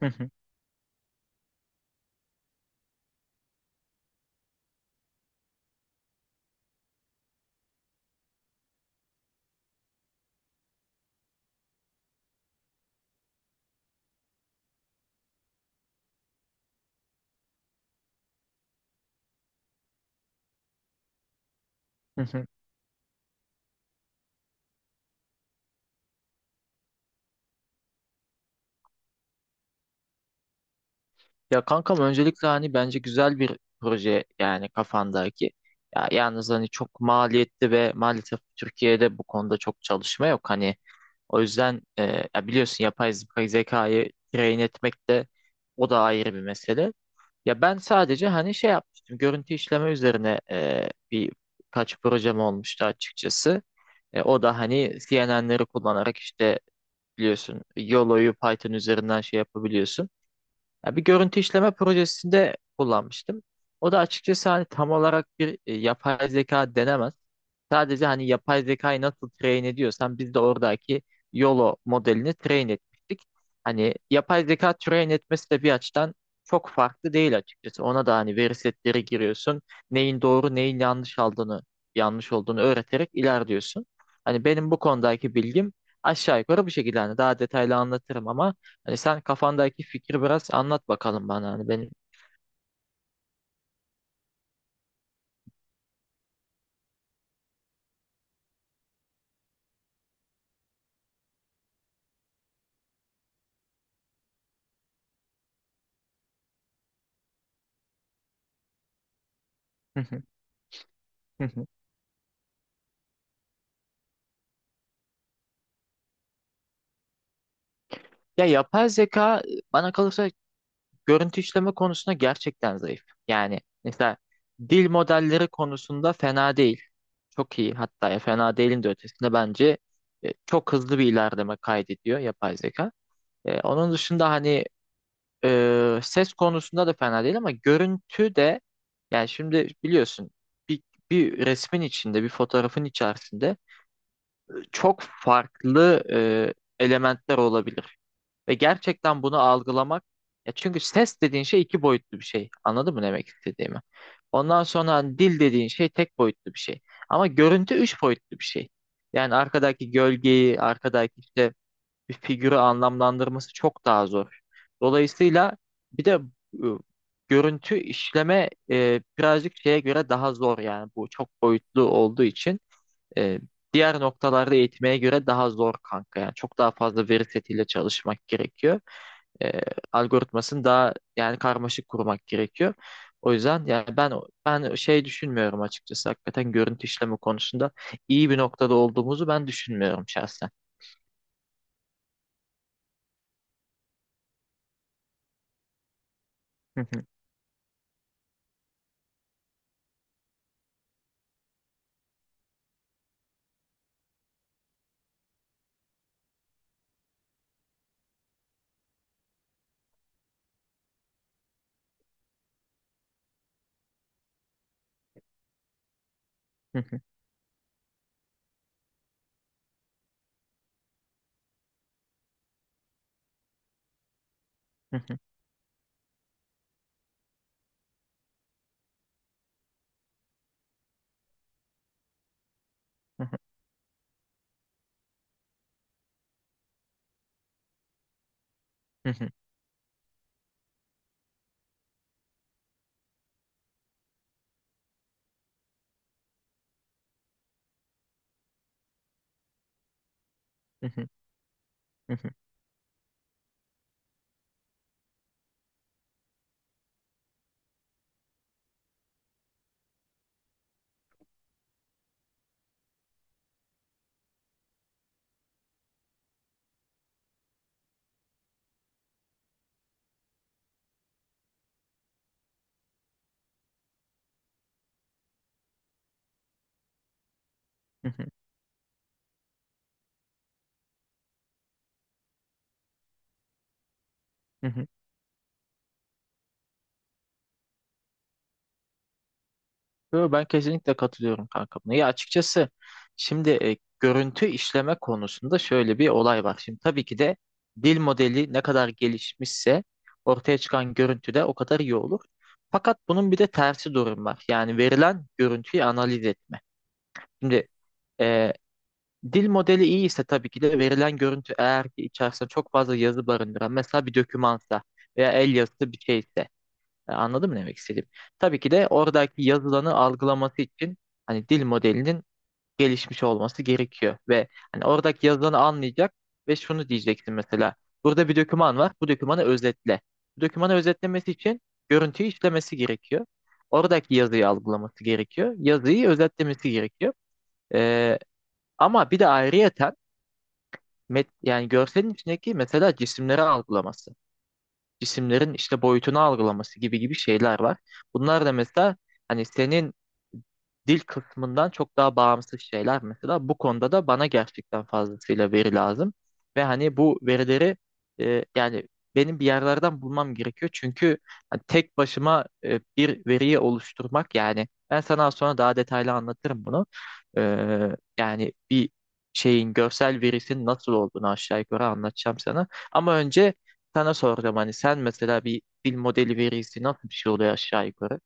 Hı hı, hı hı. Ya kankam öncelikle hani bence güzel bir proje yani kafandaki. Ya yalnız hani çok maliyetli ve maalesef Türkiye'de bu konuda çok çalışma yok. Hani o yüzden ya biliyorsun zekayı train etmek de o da ayrı bir mesele. Ya ben sadece hani şey yapmıştım görüntü işleme üzerine bir kaç projem olmuştu açıkçası. O da hani CNN'leri kullanarak işte biliyorsun YOLO'yu Python üzerinden şey yapabiliyorsun. Ya bir görüntü işleme projesinde kullanmıştım. O da açıkçası hani tam olarak bir yapay zeka denemez. Sadece hani yapay zekayı nasıl train ediyorsan biz de oradaki YOLO modelini train etmiştik. Hani yapay zeka train etmesi de bir açıdan çok farklı değil açıkçası. Ona da hani veri setleri giriyorsun. Neyin doğru neyin yanlış aldığını yanlış olduğunu öğreterek ilerliyorsun. Hani benim bu konudaki bilgim aşağı yukarı bu şekilde. Hani daha detaylı anlatırım ama hani sen kafandaki fikri biraz anlat bakalım bana hani benim. Ya yapay zeka bana kalırsa görüntü işleme konusunda gerçekten zayıf. Yani mesela dil modelleri konusunda fena değil. Çok iyi hatta ya fena değilin de ötesinde bence çok hızlı bir ilerleme kaydediyor yapay zeka. Onun dışında hani ses konusunda da fena değil ama görüntü de yani şimdi biliyorsun bir, bir resmin içinde bir fotoğrafın içerisinde çok farklı elementler olabilir. Ve gerçekten bunu algılamak ya çünkü ses dediğin şey iki boyutlu bir şey. Anladın mı ne demek istediğimi? Ondan sonra hani dil dediğin şey tek boyutlu bir şey. Ama görüntü üç boyutlu bir şey. Yani arkadaki gölgeyi, arkadaki işte bir figürü anlamlandırması çok daha zor. Dolayısıyla bir de e, görüntü işleme birazcık şeye göre daha zor yani bu çok boyutlu olduğu için. E, Diğer noktalarda eğitmeye göre daha zor kanka. Yani çok daha fazla veri setiyle çalışmak gerekiyor. E, Algoritmasını daha yani karmaşık kurmak gerekiyor. O yüzden yani ben şey düşünmüyorum açıkçası. Hakikaten görüntü işleme konusunda iyi bir noktada olduğumuzu ben düşünmüyorum şahsen. Yo, ben kesinlikle katılıyorum kanka buna. Ya açıkçası şimdi görüntü işleme konusunda şöyle bir olay var. Şimdi tabii ki de dil modeli ne kadar gelişmişse ortaya çıkan görüntü de o kadar iyi olur. Fakat bunun bir de tersi durum var. Yani verilen görüntüyü analiz etme. Şimdi e, dil modeli iyi ise tabii ki de verilen görüntü eğer ki içerisinde çok fazla yazı barındıran mesela bir dokümansa veya el yazısı bir şeyse anladın mı ne demek istediğim? Tabii ki de oradaki yazılanı algılaması için hani dil modelinin gelişmiş olması gerekiyor ve hani oradaki yazılanı anlayacak ve şunu diyeceksin mesela. Burada bir doküman var. Bu dokümanı özetle. Bu dokümanı özetlemesi için görüntüyü işlemesi gerekiyor. Oradaki yazıyı algılaması gerekiyor. Yazıyı özetlemesi gerekiyor. E, Ama bir de ayrıyeten yani görselin içindeki mesela cisimleri algılaması cisimlerin işte boyutunu algılaması gibi gibi şeyler var. Bunlar da mesela hani senin dil kısmından çok daha bağımsız şeyler mesela. Bu konuda da bana gerçekten fazlasıyla veri lazım. Ve hani bu verileri yani benim bir yerlerden bulmam gerekiyor. Çünkü hani tek başıma bir veriyi oluşturmak yani ben sana az sonra daha detaylı anlatırım bunu. E, Yani bir şeyin görsel verisinin nasıl olduğunu aşağı yukarı anlatacağım sana. Ama önce sana soracağım hani sen mesela bir dil modeli verisi nasıl bir şey oluyor aşağı yukarı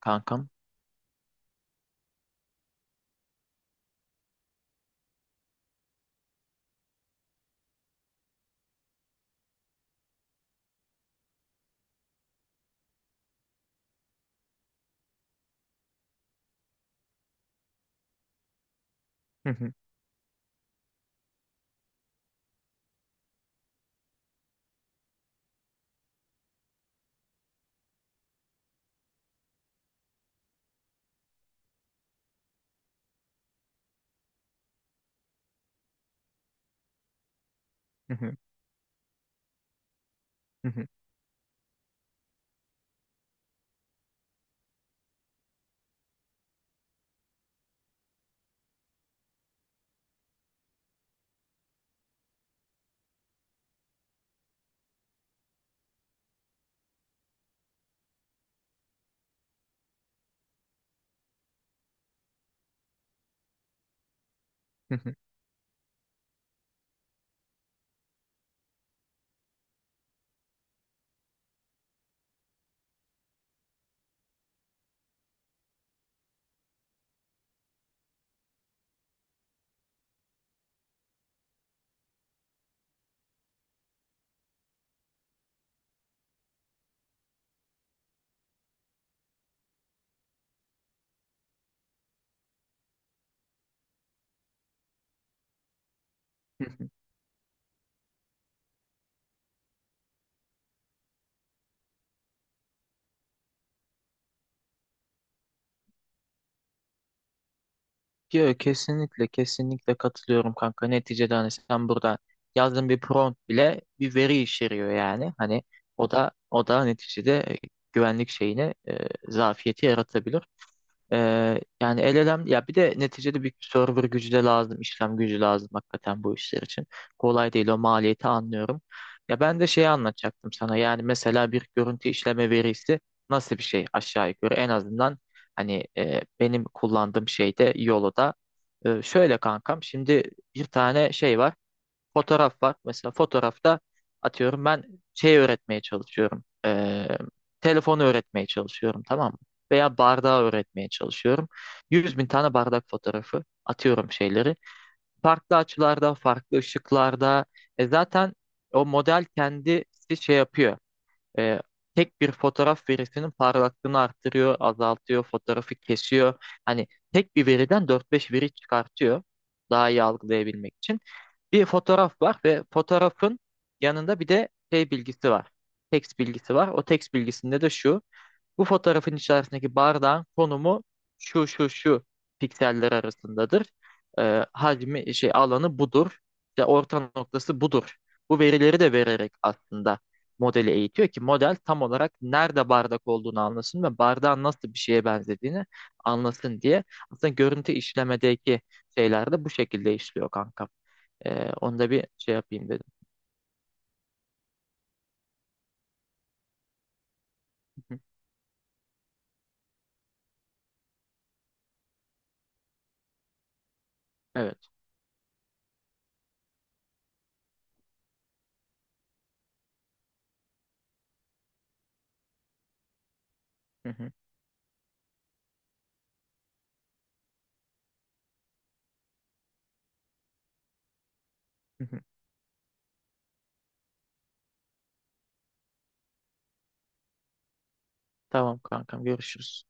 kankam? Hı hı, hı hı. Yo, kesinlikle kesinlikle katılıyorum kanka. Neticede hani sen burada yazdığın bir prompt bile bir veri içeriyor yani. Hani o da neticede güvenlik şeyine zafiyeti yaratabilir. Yani el elem ya bir de neticede bir server gücü de lazım, işlem gücü lazım hakikaten bu işler için. Kolay değil o maliyeti anlıyorum. Ya ben de şeyi anlatacaktım sana. Yani mesela bir görüntü işleme verisi nasıl bir şey aşağı yukarı en azından hani benim kullandığım şeyde Yolo'da. Şöyle kankam şimdi bir tane şey var. Fotoğraf var. Mesela fotoğrafta atıyorum ben şey öğretmeye çalışıyorum. Telefonu öğretmeye çalışıyorum tamam mı? Veya bardağı öğretmeye çalışıyorum. 100.000 tane bardak fotoğrafı atıyorum şeyleri. Farklı açılarda, farklı ışıklarda. E zaten o model kendisi şey yapıyor. E, Tek bir fotoğraf verisinin parlaklığını arttırıyor, azaltıyor, fotoğrafı kesiyor. Hani tek bir veriden dört beş veri çıkartıyor daha iyi algılayabilmek için. Bir fotoğraf var ve fotoğrafın yanında bir de şey bilgisi var. Text bilgisi var. O text bilgisinde de şu. Bu fotoğrafın içerisindeki bardağın konumu şu şu şu pikseller arasındadır. Hacmi şey alanı budur. İşte orta noktası budur. Bu verileri de vererek aslında modeli eğitiyor ki model tam olarak nerede bardak olduğunu anlasın ve bardağın nasıl bir şeye benzediğini anlasın diye. Aslında görüntü işlemedeki şeyler de bu şekilde işliyor kankam. Onu da bir şey yapayım dedim. Hı hı. Evet. Hı hı. Hı hı. Tamam kankam görüşürüz.